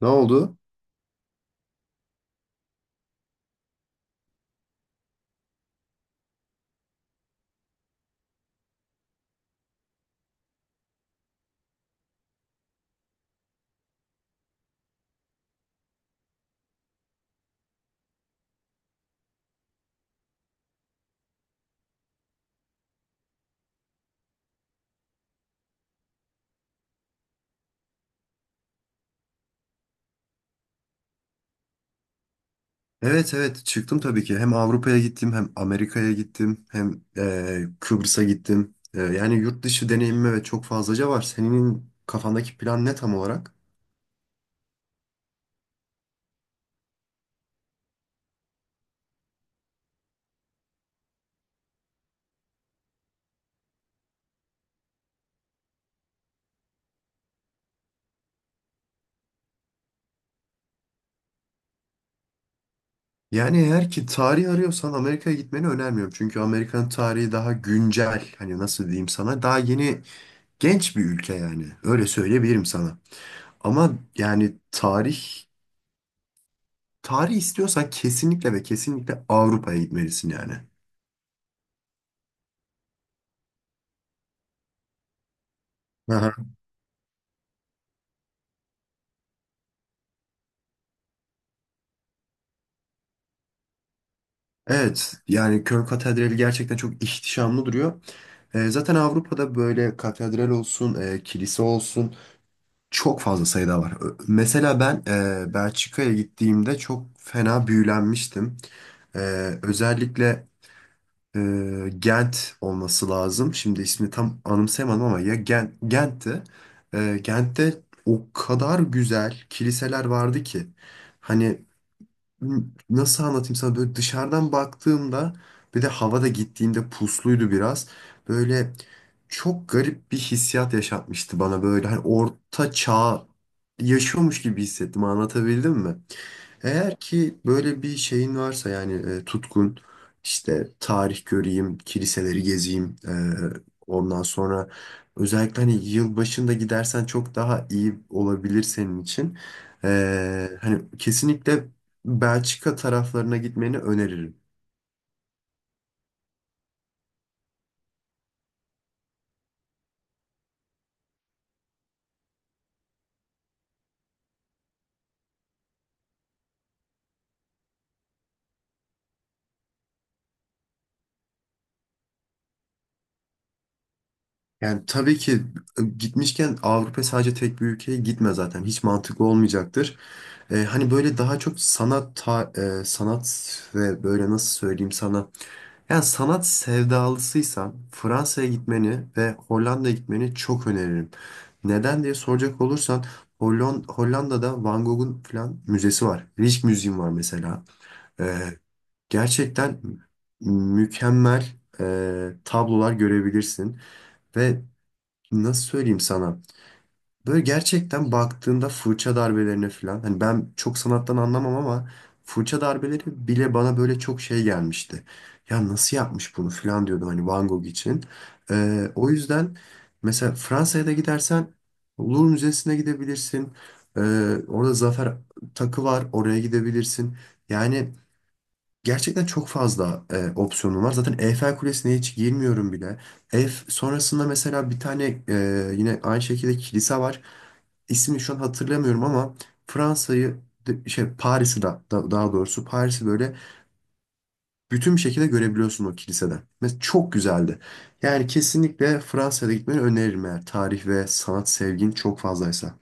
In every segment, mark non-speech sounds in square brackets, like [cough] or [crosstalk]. Ne oldu? Evet evet çıktım tabii ki. Hem Avrupa'ya gittim hem Amerika'ya gittim hem Kıbrıs'a gittim. Yani yurt dışı deneyimime ve çok fazlaca var. Senin kafandaki plan ne tam olarak? Yani eğer ki tarih arıyorsan Amerika'ya gitmeni önermiyorum. Çünkü Amerika'nın tarihi daha güncel. Hani nasıl diyeyim sana? Daha yeni genç bir ülke yani. Öyle söyleyebilirim sana. Ama yani tarih istiyorsan kesinlikle ve kesinlikle Avrupa'ya gitmelisin yani. [laughs] Evet, yani Köln Katedrali gerçekten çok ihtişamlı duruyor. Zaten Avrupa'da böyle katedral olsun, kilise olsun çok fazla sayıda var. Mesela ben Belçika'ya gittiğimde çok fena büyülenmiştim. E, Özellikle Gent olması lazım. Şimdi ismini tam anımsayamadım ama ya Gent'ti. Gent'te o kadar güzel kiliseler vardı ki. Hani nasıl anlatayım sana, böyle dışarıdan baktığımda, bir de havada gittiğimde pusluydu biraz. Böyle çok garip bir hissiyat yaşatmıştı bana, böyle hani orta çağ yaşıyormuş gibi hissettim, anlatabildim mi? Eğer ki böyle bir şeyin varsa yani, tutkun işte tarih göreyim, kiliseleri gezeyim, ondan sonra özellikle hani yıl başında gidersen çok daha iyi olabilir senin için. Hani kesinlikle Belçika taraflarına gitmeni öneririm. Yani tabii ki gitmişken Avrupa sadece tek bir ülkeye gitme zaten hiç mantıklı olmayacaktır. Hani böyle daha çok sanat ve böyle nasıl söyleyeyim sana, yani sanat sevdalısıysan Fransa'ya gitmeni ve Hollanda'ya gitmeni çok öneririm. Neden diye soracak olursan, Hollanda'da Van Gogh'un falan müzesi var. Rijksmuseum Müziğim var mesela. Ee, Gerçekten mükemmel e, tablolar görebilirsin. Ve nasıl söyleyeyim sana? Böyle gerçekten baktığında fırça darbelerine falan, hani ben çok sanattan anlamam ama fırça darbeleri bile bana böyle çok şey gelmişti. Ya nasıl yapmış bunu falan diyordum hani Van Gogh için. O yüzden mesela Fransa'ya da gidersen Louvre Müzesi'ne gidebilirsin. Orada Zafer Takı var, oraya gidebilirsin. Yani gerçekten çok fazla opsiyonum var. Zaten Eyfel Kulesi'ne hiç girmiyorum bile. Ef sonrasında mesela bir tane yine aynı şekilde kilise var. İsmini şu an hatırlamıyorum ama Fransa'yı Paris'i daha doğrusu Paris'i böyle bütün bir şekilde görebiliyorsun o kiliseden. Ve çok güzeldi. Yani kesinlikle Fransa'da gitmeni öneririm eğer tarih ve sanat sevgin çok fazlaysa.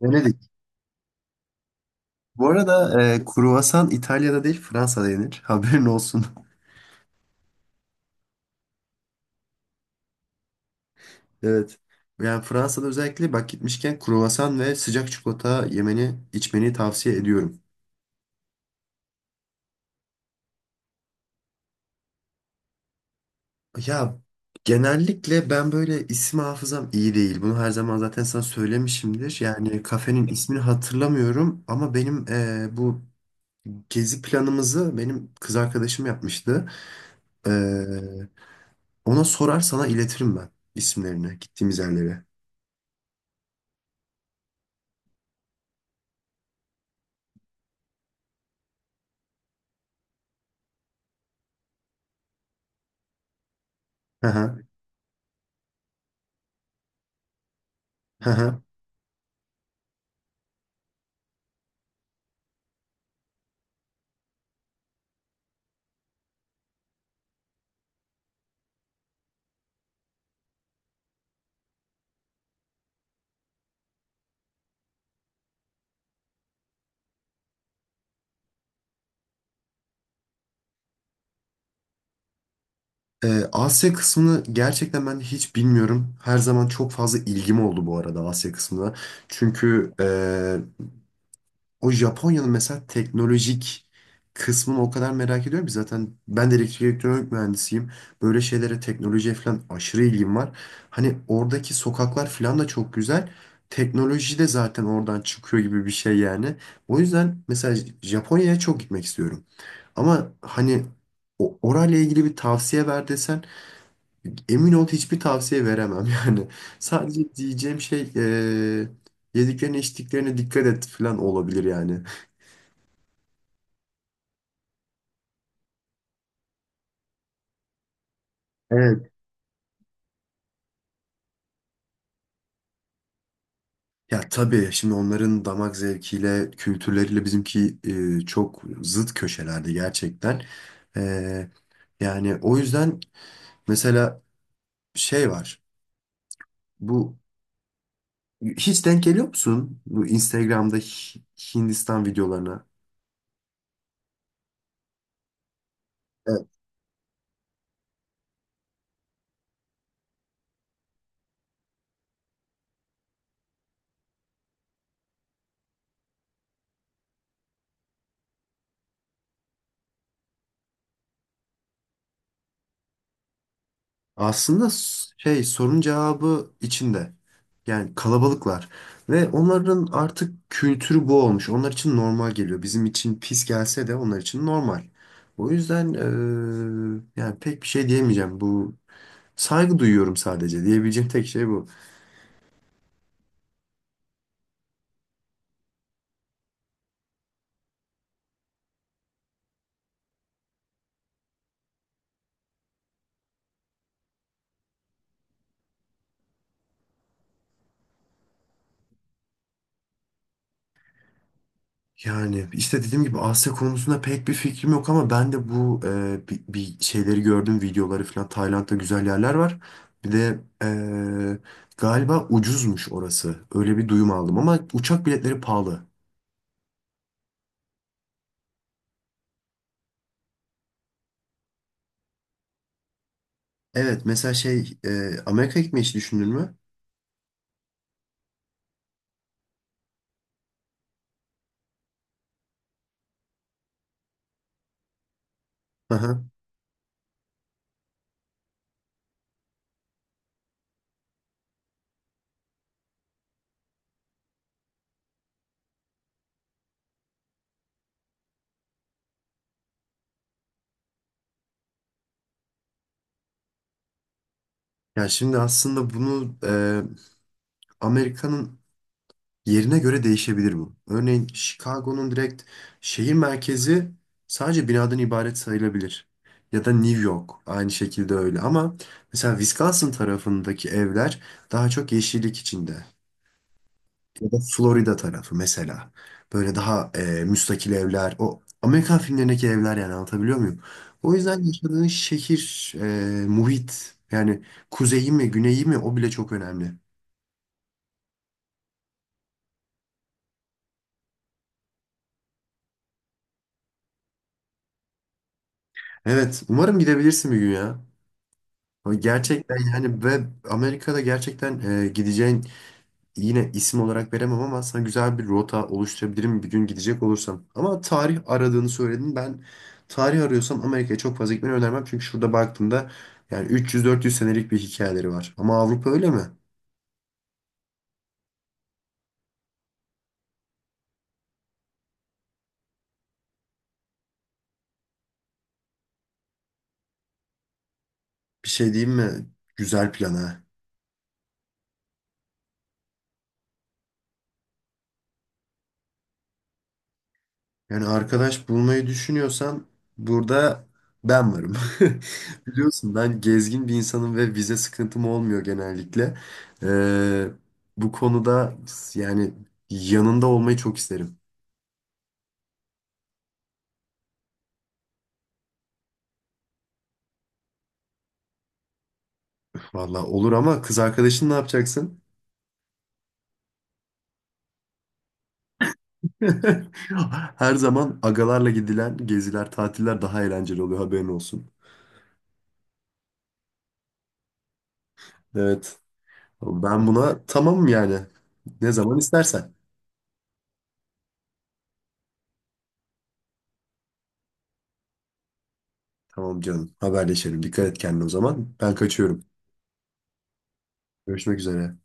Venedik. Bu arada kruvasan İtalya'da değil, Fransa'da yenir. Haberin olsun. Evet. Yani Fransa'da özellikle bak, gitmişken kruvasan ve sıcak çikolata yemeni, içmeni tavsiye ediyorum. Ya genellikle ben böyle isim hafızam iyi değil. Bunu her zaman zaten sana söylemişimdir. Yani kafenin ismini hatırlamıyorum ama benim bu gezi planımızı benim kız arkadaşım yapmıştı. Eee, Ona sorar sana iletirim ben, isimlerini gittiğimiz yerlere. Hı hı. Hı hı. Asya kısmını gerçekten ben hiç bilmiyorum. Her zaman çok fazla ilgim oldu bu arada Asya kısmına. Çünkü o Japonya'nın mesela teknolojik kısmını o kadar merak ediyorum ki, zaten ben de elektrik elektronik mühendisiyim. Böyle şeylere, teknolojiye falan aşırı ilgim var. Hani oradaki sokaklar falan da çok güzel. Teknoloji de zaten oradan çıkıyor gibi bir şey yani. O yüzden mesela Japonya'ya çok gitmek istiyorum. Ama hani orayla ilgili bir tavsiye ver desen, emin ol hiçbir tavsiye veremem [laughs] yani. Sadece diyeceğim şey yediklerine içtiklerine dikkat et falan olabilir yani. Evet. Ya tabii şimdi onların damak zevkiyle, kültürleriyle bizimki çok zıt köşelerde gerçekten. Eee, Yani o yüzden mesela şey var. Bu, hiç denk geliyor musun bu Instagram'da Hindistan videolarına? Aslında sorun cevabı içinde. Yani kalabalıklar. Ve onların artık kültürü bu olmuş. Onlar için normal geliyor. Bizim için pis gelse de onlar için normal. O yüzden yani pek bir şey diyemeyeceğim. Bu, saygı duyuyorum sadece. Diyebileceğim tek şey bu. Yani işte dediğim gibi Asya konusunda pek bir fikrim yok ama ben de bu bir şeyleri gördüm, videoları falan, Tayland'da güzel yerler var. Bir de galiba ucuzmuş orası. Öyle bir duyum aldım ama uçak biletleri pahalı. Evet, mesela Amerika gitmeyi hiç düşündün mü? Aha. Ya şimdi aslında bunu Amerika'nın yerine göre değişebilir bu. Örneğin Chicago'nun direkt şehir merkezi sadece binadan ibaret sayılabilir. Ya da New York aynı şekilde öyle. Ama mesela Wisconsin tarafındaki evler daha çok yeşillik içinde. Ya da Florida tarafı mesela. Böyle daha müstakil evler. O Amerikan filmlerindeki evler yani, anlatabiliyor muyum? O yüzden yaşadığın şehir, muhit yani, kuzeyi mi güneyi mi, o bile çok önemli. Evet, umarım gidebilirsin bir gün ya. Ama gerçekten yani, ve Amerika'da gerçekten gideceğin, yine isim olarak veremem ama sana güzel bir rota oluşturabilirim bir gün gidecek olursam. Ama tarih aradığını söyledin. Ben tarih arıyorsam Amerika'ya çok fazla gitmeni önermem. Çünkü şurada baktığımda yani 300-400 senelik bir hikayeleri var. Ama Avrupa öyle mi? Bir şey diyeyim mi? Güzel plan ha. Yani arkadaş bulmayı düşünüyorsan, burada ben varım. [laughs] Biliyorsun ben gezgin bir insanım ve vize sıkıntım olmuyor genellikle. Ee, Bu konuda yani yanında olmayı çok isterim. Valla olur ama kız arkadaşın ne yapacaksın? [laughs] Her zaman agalarla gidilen geziler, tatiller daha eğlenceli oluyor haberin olsun. Evet. Ben buna tamamım yani. Ne zaman istersen. Tamam canım. Haberleşelim. Dikkat et kendine o zaman. Ben kaçıyorum. Görüşmek üzere.